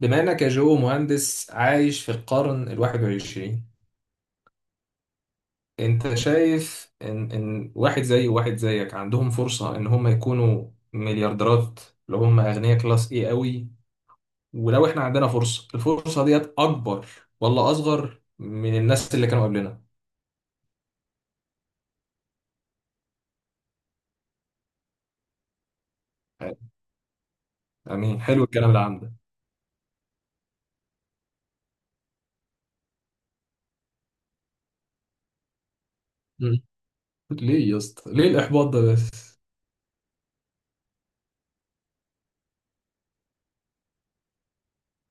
بما انك يا جو مهندس عايش في القرن الواحد والعشرين، انت شايف ان واحد زي وواحد زيك عندهم فرصة ان هم يكونوا مليارديرات لو هم اغنياء كلاس ايه قوي؟ ولو احنا عندنا فرصة، الفرصة ديت اكبر ولا اصغر من الناس اللي كانوا قبلنا؟ امين، حلو الكلام اللي عندك. مم. ليه يا اسطى ليه الاحباط ده بس؟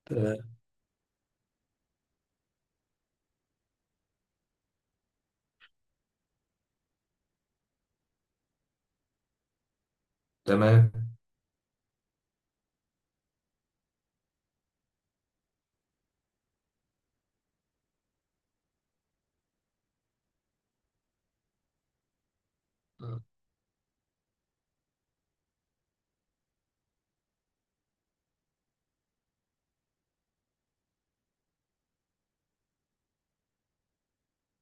تمام. تمام.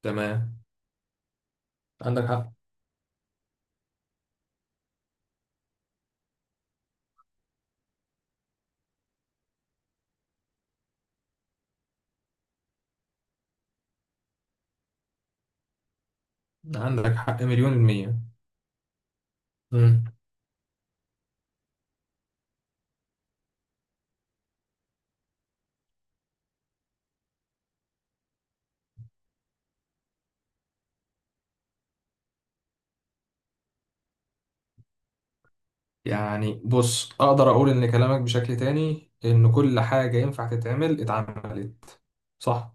تمام. عندك حق. عندك حق مليون المية. مم. يعني بص، اقدر اقول ان كلامك بشكل تاني ان كل حاجة ينفع تتعمل اتعملت، صح؟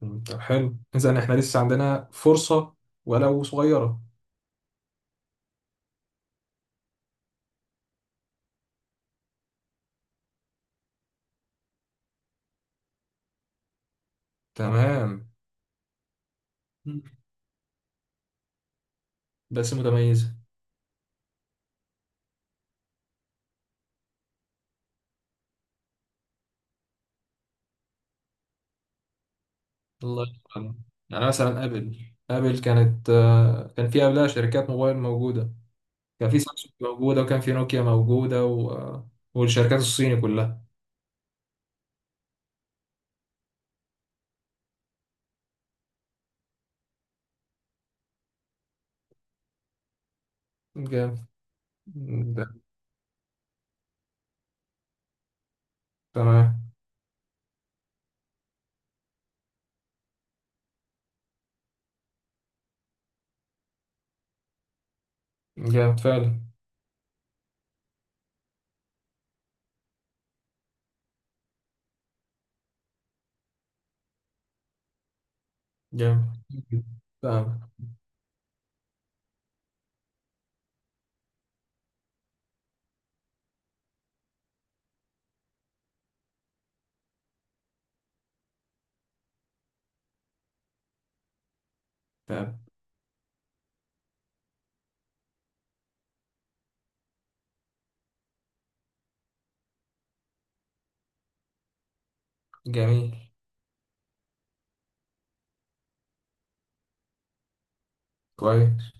طب حلو، اذا احنا لسه عندنا فرصة ولو صغيرة. تمام. مم. بس متميزة. الله يرحمه. يعني مثلا ابل كانت، كان في قبلها شركات موبايل موجودة. كان في سامسونج موجودة وكان في نوكيا موجودة و... آه، والشركات الصيني كلها. جامد. ده. تمام. جامد فعلا. جامد. تمام. تمام. جميل. كويس.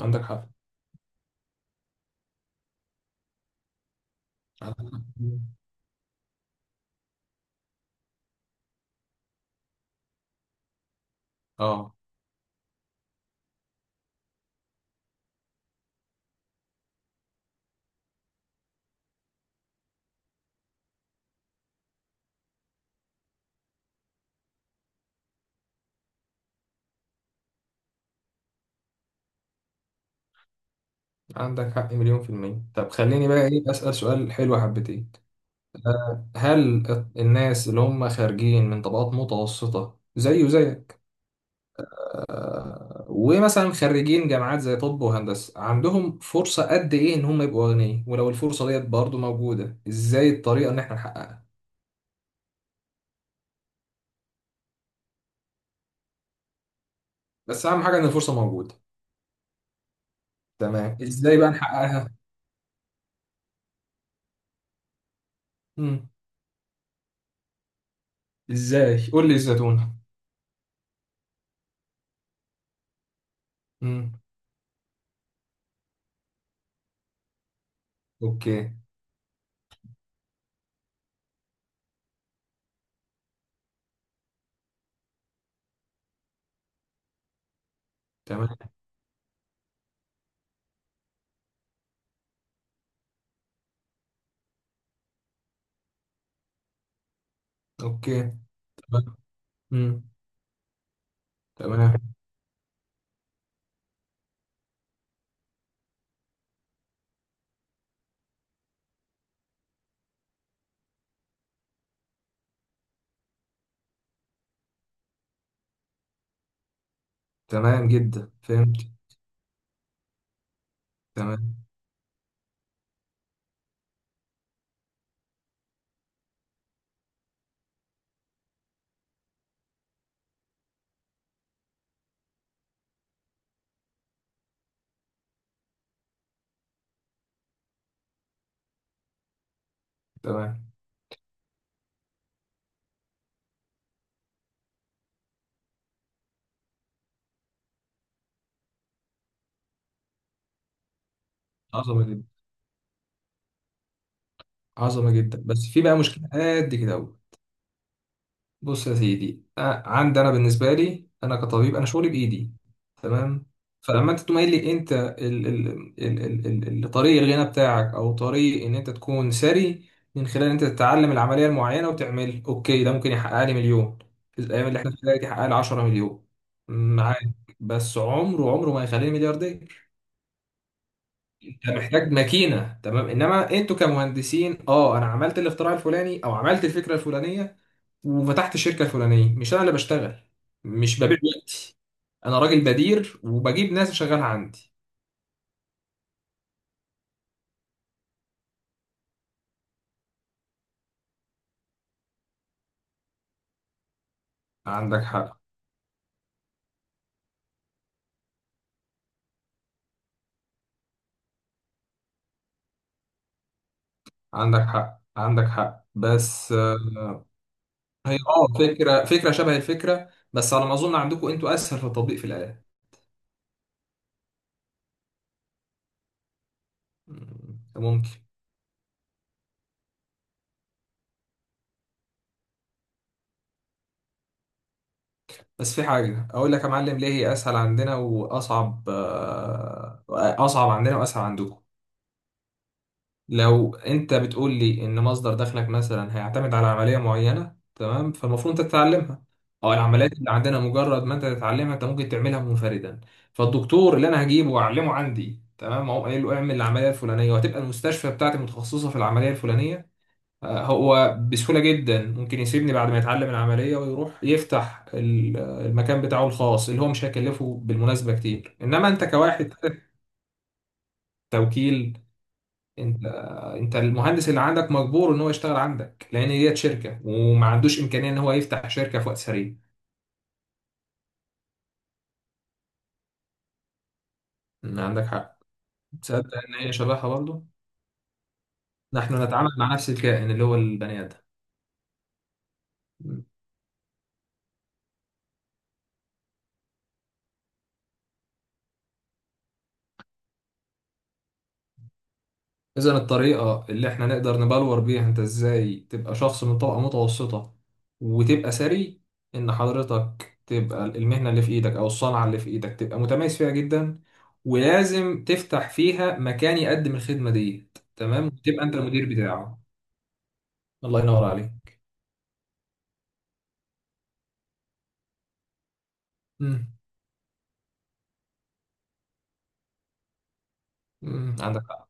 عندك حق. عندك حق. اه. عندك حق مليون في المية. طب خليني بقى ايه اسأل سؤال حلو حبتين. هل الناس اللي هم خارجين من طبقات متوسطة زي وزيك، ومثلا خريجين جامعات زي طب وهندسة، عندهم فرصة قد ايه ان هم يبقوا اغنياء؟ ولو الفرصة ديت برضو موجودة، ازاي الطريقة ان احنا نحققها؟ بس اهم حاجة ان الفرصة موجودة. تمام، ازاي بقى نحققها؟ مم. ازاي؟ قول لي الزتونة. مم. اوكي. تمام. اوكي. امم تمام. تمام جدا، فهمت. تمام. تمام. عظمه جدا. عظمه جدا، بس في بقى مشكله قد كده أوي. بص يا سيدي، عندي انا، بالنسبه لي، انا كطبيب انا شغلي بايدي. تمام. فلما انت تقوم قايل لي انت ال طريق الغنى بتاعك او طريق ان انت تكون ثري من خلال ان انت تتعلم العمليه المعينه وتعمل اوكي، ده ممكن يحقق لي مليون. في الايام اللي احنا فيها دي يحقق لي 10 مليون. معاك. بس عمره ما يخليني ملياردير. انت محتاج ماكينه. تمام. انما انتوا كمهندسين اه، انا عملت الاختراع الفلاني او عملت الفكره الفلانيه وفتحت الشركه الفلانيه. مش انا اللي بشتغل. مش ببيع وقتي. انا راجل بدير وبجيب ناس شغالة عندي. عندك حق. عندك حق. عندك حق. بس هي اه، فكره شبه الفكره، بس على ما اظن عندكم انتوا اسهل في التطبيق في الاله. ممكن. بس في حاجه اقول لك يا معلم، ليه هي اسهل عندنا واصعب، اصعب عندنا واسهل عندكم. لو انت بتقول لي ان مصدر دخلك مثلا هيعتمد على عمليه معينه، تمام، فالمفروض انت تتعلمها. او العمليات اللي عندنا مجرد ما انت تتعلمها انت ممكن تعملها منفردا. فالدكتور اللي انا هجيبه واعلمه عندي، تمام، اقوم قايل له اعمل العمليه الفلانيه وهتبقى المستشفى بتاعتي متخصصه في العمليه الفلانيه، هو بسهوله جدا ممكن يسيبني بعد ما يتعلم العمليه ويروح يفتح المكان بتاعه الخاص اللي هو مش هيكلفه بالمناسبه كتير. انما انت كواحد خدت توكيل. انت، انت المهندس اللي عندك مجبور ان هو يشتغل عندك لان هي شركه وما عندوش امكانيه ان هو يفتح شركه في وقت سريع. ان عندك حق. تصدق ان هي شبهها برضه. نحن نتعامل مع نفس الكائن اللي هو البني ادم. اذا الطريقه اللي احنا نقدر نبلور بيها انت ازاي تبقى شخص من طبقه متوسطه وتبقى ثري، ان حضرتك تبقى المهنه اللي في ايدك او الصنعه اللي في ايدك تبقى متميز فيها جدا، ولازم تفتح فيها مكان يقدم الخدمه دي. تمام، وتبقى انت المدير بتاعه. الله ينور عليك. مم. مم. عندك حق.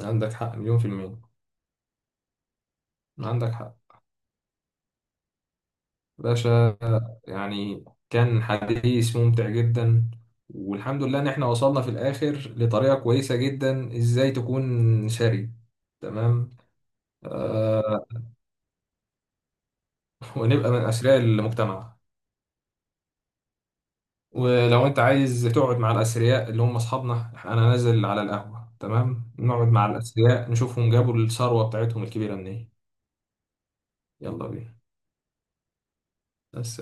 عندك حق مليون في المية. عندك حق. باشا، يعني كان حديث ممتع جدا. والحمد لله ان احنا وصلنا في الاخر لطريقة كويسة جدا ازاي تكون ثري. تمام. آه. ونبقى من اثرياء المجتمع. ولو انت عايز تقعد مع الاثرياء اللي هم اصحابنا، انا نازل على القهوة، تمام، نقعد مع الاثرياء نشوفهم جابوا الثروة بتاعتهم الكبيرة منين. يلا بينا. بس.